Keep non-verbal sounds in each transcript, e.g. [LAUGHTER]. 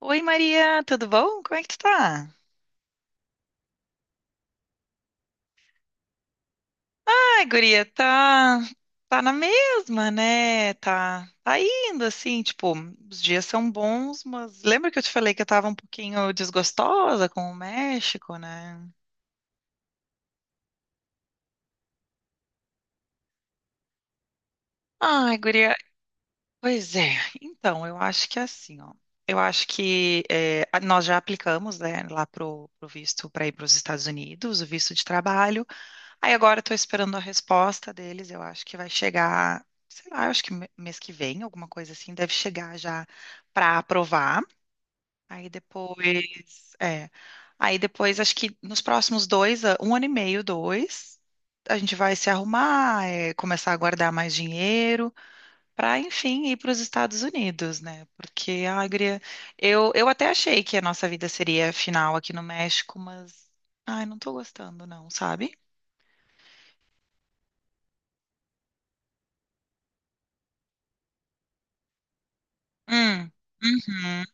Oi Maria, tudo bom? Como é que tu tá? Ai, guria, tá na mesma, né? Tá indo assim, tipo, os dias são bons, mas lembra que eu te falei que eu tava um pouquinho desgostosa com o México, né? Ai, guria, pois é. Então, eu acho que é assim, ó. Eu acho que nós já aplicamos, né, lá pro visto para ir para os Estados Unidos, o visto de trabalho. Aí agora estou esperando a resposta deles. Eu acho que vai chegar, sei lá, eu acho que mês que vem, alguma coisa assim, deve chegar já para aprovar. Aí depois, é, aí depois acho que nos próximos dois, um ano e meio, dois, a gente vai se arrumar, começar a guardar mais dinheiro para, enfim, ir para os Estados Unidos, né? Porque a Agria, eu até achei que a nossa vida seria final aqui no México, mas, ai, não tô gostando, não, sabe? Hum, uhum,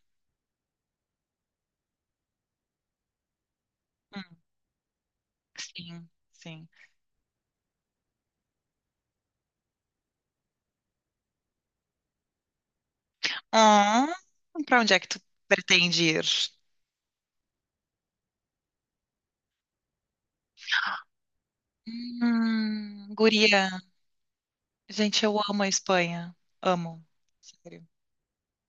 hum, sim, sim. Ah, pra onde é que tu pretende ir? Guria, gente, eu amo a Espanha. Amo. Sério.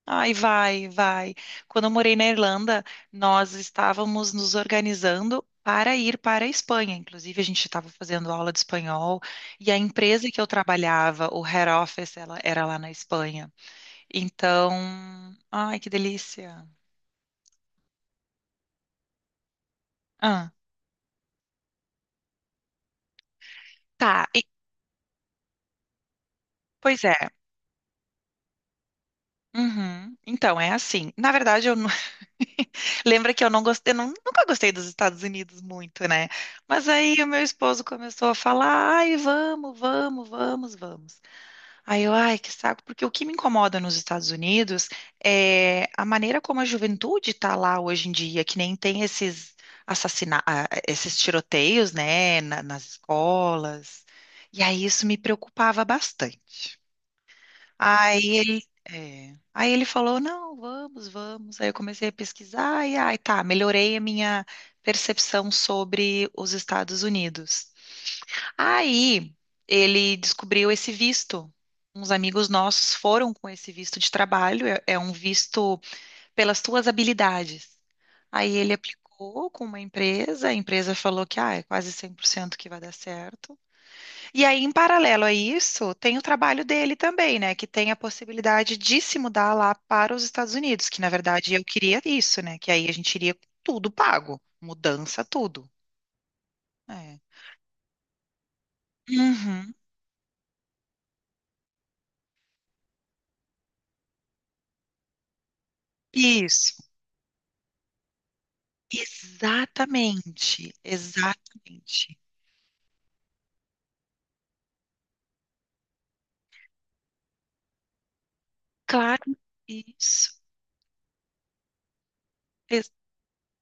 Ai, vai, vai. Quando eu morei na Irlanda, nós estávamos nos organizando para ir para a Espanha. Inclusive, a gente estava fazendo aula de espanhol e a empresa que eu trabalhava, o head office, ela era lá na Espanha. Então, ai, que delícia. Ah. Tá, pois é. Uhum. Então, é assim. Na verdade, eu não... [LAUGHS] lembra que eu não gostei, eu não- nunca gostei dos Estados Unidos muito, né? Mas aí o meu esposo começou a falar: "Ai, vamos, vamos, vamos, vamos". Aí eu, ai, que saco, porque o que me incomoda nos Estados Unidos é a maneira como a juventude tá lá hoje em dia, que nem tem esses esses tiroteios, né, nas escolas. E aí isso me preocupava bastante. Aí ele falou, não, vamos, vamos. Aí eu comecei a pesquisar e aí tá, melhorei a minha percepção sobre os Estados Unidos. Aí ele descobriu esse visto. Uns amigos nossos foram com esse visto de trabalho, é um visto pelas tuas habilidades. Aí ele aplicou com uma empresa, a empresa falou que é quase 100% que vai dar certo. E aí, em paralelo a isso, tem o trabalho dele também, né? Que tem a possibilidade de se mudar lá para os Estados Unidos, que na verdade eu queria isso, né? Que aí a gente iria com tudo pago, mudança, tudo. É. Uhum. Isso. Exatamente. Exatamente. Claro, isso. Ex-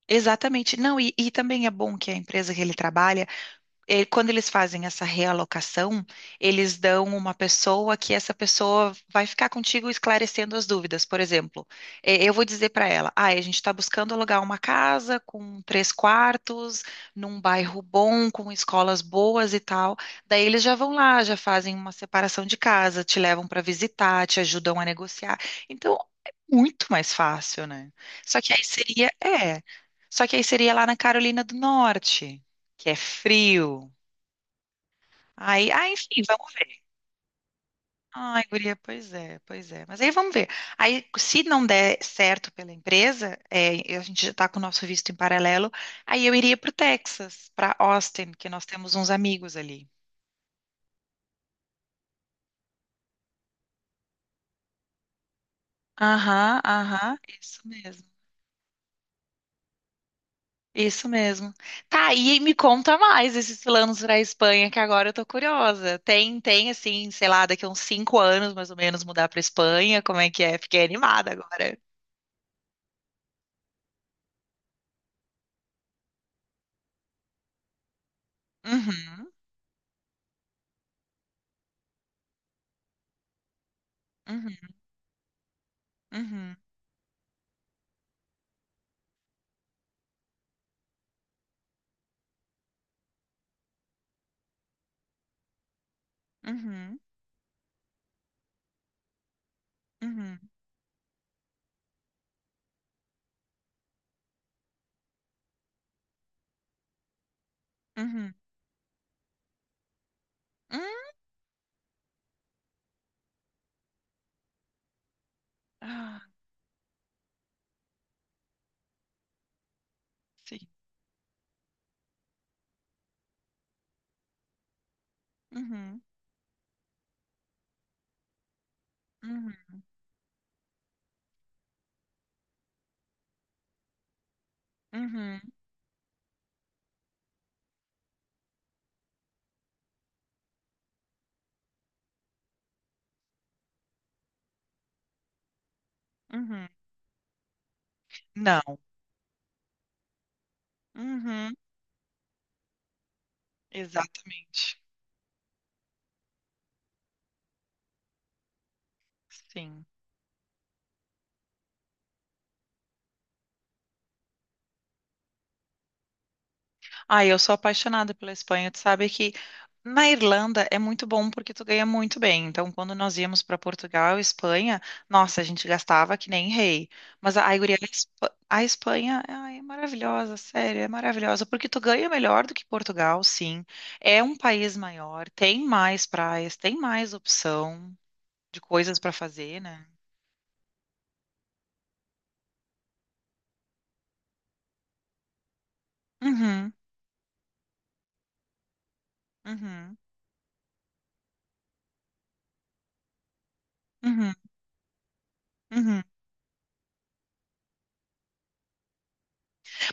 exatamente. Não, e, também é bom que a empresa que ele trabalha, quando eles fazem essa realocação, eles dão uma pessoa que essa pessoa vai ficar contigo esclarecendo as dúvidas. Por exemplo, eu vou dizer para ela: ah, a gente está buscando alugar uma casa com três quartos, num bairro bom, com escolas boas e tal. Daí eles já vão lá, já fazem uma separação de casa, te levam para visitar, te ajudam a negociar. Então, é muito mais fácil, né? Só que aí seria, é. Só que aí seria lá na Carolina do Norte, que é frio. Aí, enfim, vamos ver. Ai, guria, pois é, pois é. Mas aí vamos ver. Aí, se não der certo pela empresa, a gente já está com o nosso visto em paralelo, aí eu iria para o Texas, para Austin, que nós temos uns amigos ali. Aham, aham, isso mesmo. Isso mesmo. Tá, e me conta mais esses planos para a Espanha, que agora eu tô curiosa. Tem, assim, sei lá, daqui a uns 5 anos, mais ou menos, mudar para Espanha, como é que é? Fiquei animada agora. Uhum, uhum, uhum, uhum. Uhum, uhum, hum. Ah, sim. Uhum, uhum, uhum, uhum. Não. Uhum, exatamente. Sim. Ah, eu sou apaixonada pela Espanha. Tu sabe que na Irlanda é muito bom porque tu ganha muito bem. Então, quando nós íamos para Portugal e Espanha, nossa, a gente gastava que nem rei. Mas a guria, a Espanha, ai, é maravilhosa, sério, é maravilhosa. Porque tu ganha melhor do que Portugal, sim. É um país maior, tem mais praias, tem mais opção. De coisas pra fazer, né. Uhum, uhum, uhum, uhum.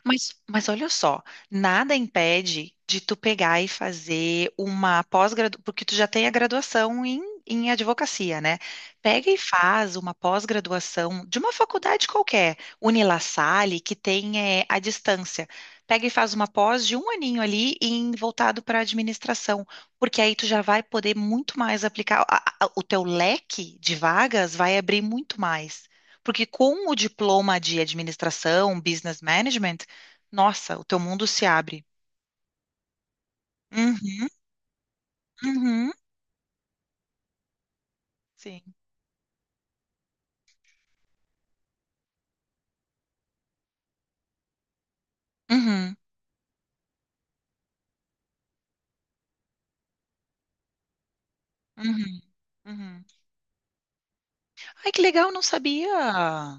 Mas olha só, nada impede de tu pegar e fazer uma pós-graduação, porque tu já tem a graduação em advocacia, né? Pega e faz uma pós-graduação de uma faculdade qualquer, Unila Salle, que tem à distância. Pega e faz uma pós de um aninho ali em, voltado para a administração, porque aí tu já vai poder muito mais aplicar, o teu leque de vagas vai abrir muito mais. Porque com o diploma de administração, business management, nossa, o teu mundo se abre. Uhum, uhum, sim. Uhum, uhum, uhum. Ai, que legal, não sabia.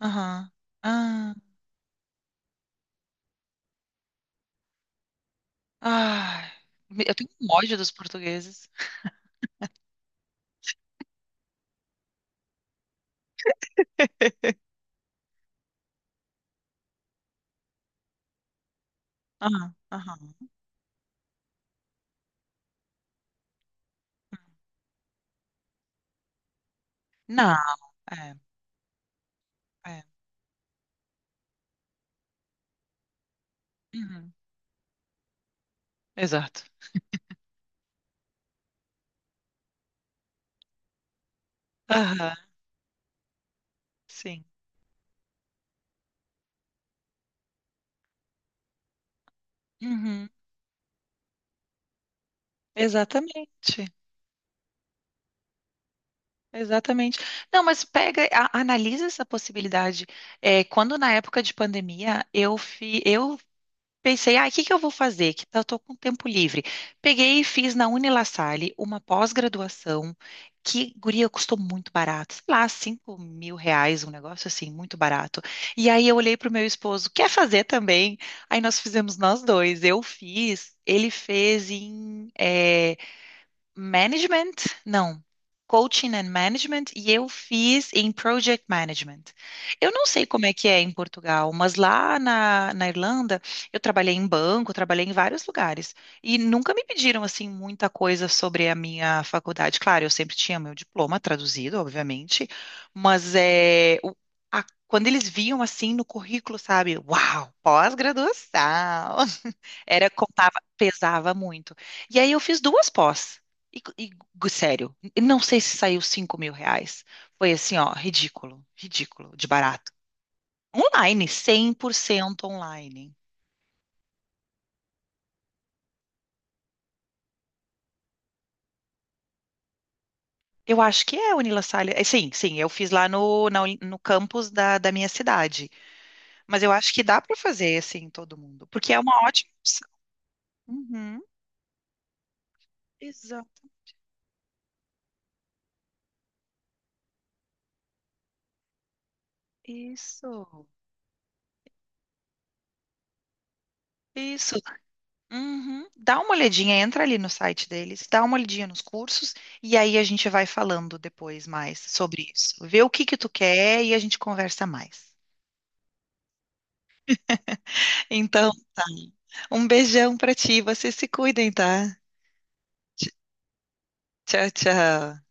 Aham. Ah, ah, eu tenho um ódio dos portugueses. [LAUGHS] Aham, aham. Não, é, é. Uhum, exato. Aham, sim. Uhum, exatamente. Exatamente. Não, mas pega, analisa essa possibilidade. É, quando na época de pandemia eu pensei, o que que eu vou fazer? Eu tô com tempo livre. Peguei e fiz na Unilassalle uma pós-graduação que, guria, custou muito barato. Sei lá, R$ 5.000, um negócio assim, muito barato. E aí eu olhei pro meu esposo, quer fazer também? Aí nós fizemos nós dois. Eu fiz, ele fez em Management, não. Coaching and Management e eu fiz em Project Management. Eu não sei como é que é em Portugal, mas lá na Irlanda eu trabalhei em banco, trabalhei em vários lugares e nunca me pediram assim muita coisa sobre a minha faculdade. Claro, eu sempre tinha meu diploma traduzido, obviamente, mas quando eles viam assim no currículo, sabe, uau, pós-graduação, [LAUGHS] era contava, pesava muito. E aí eu fiz duas pós. E, e, sério, não sei se saiu R$ 5.000. Foi assim, ó, ridículo, ridículo, de barato. Online, 100% online. Eu acho que é Unila Salles. É, sim, sim, eu fiz lá no campus da minha cidade. Mas eu acho que dá para fazer assim, todo mundo. Porque é uma ótima opção. Uhum, exato. Isso. Isso. Uhum. Dá uma olhadinha, entra ali no site deles, dá uma olhadinha nos cursos e aí a gente vai falando depois mais sobre isso. Vê o que que tu quer e a gente conversa mais. Então, tá. Um beijão pra ti, vocês se cuidem, tá? Tch- Tchau, tchau.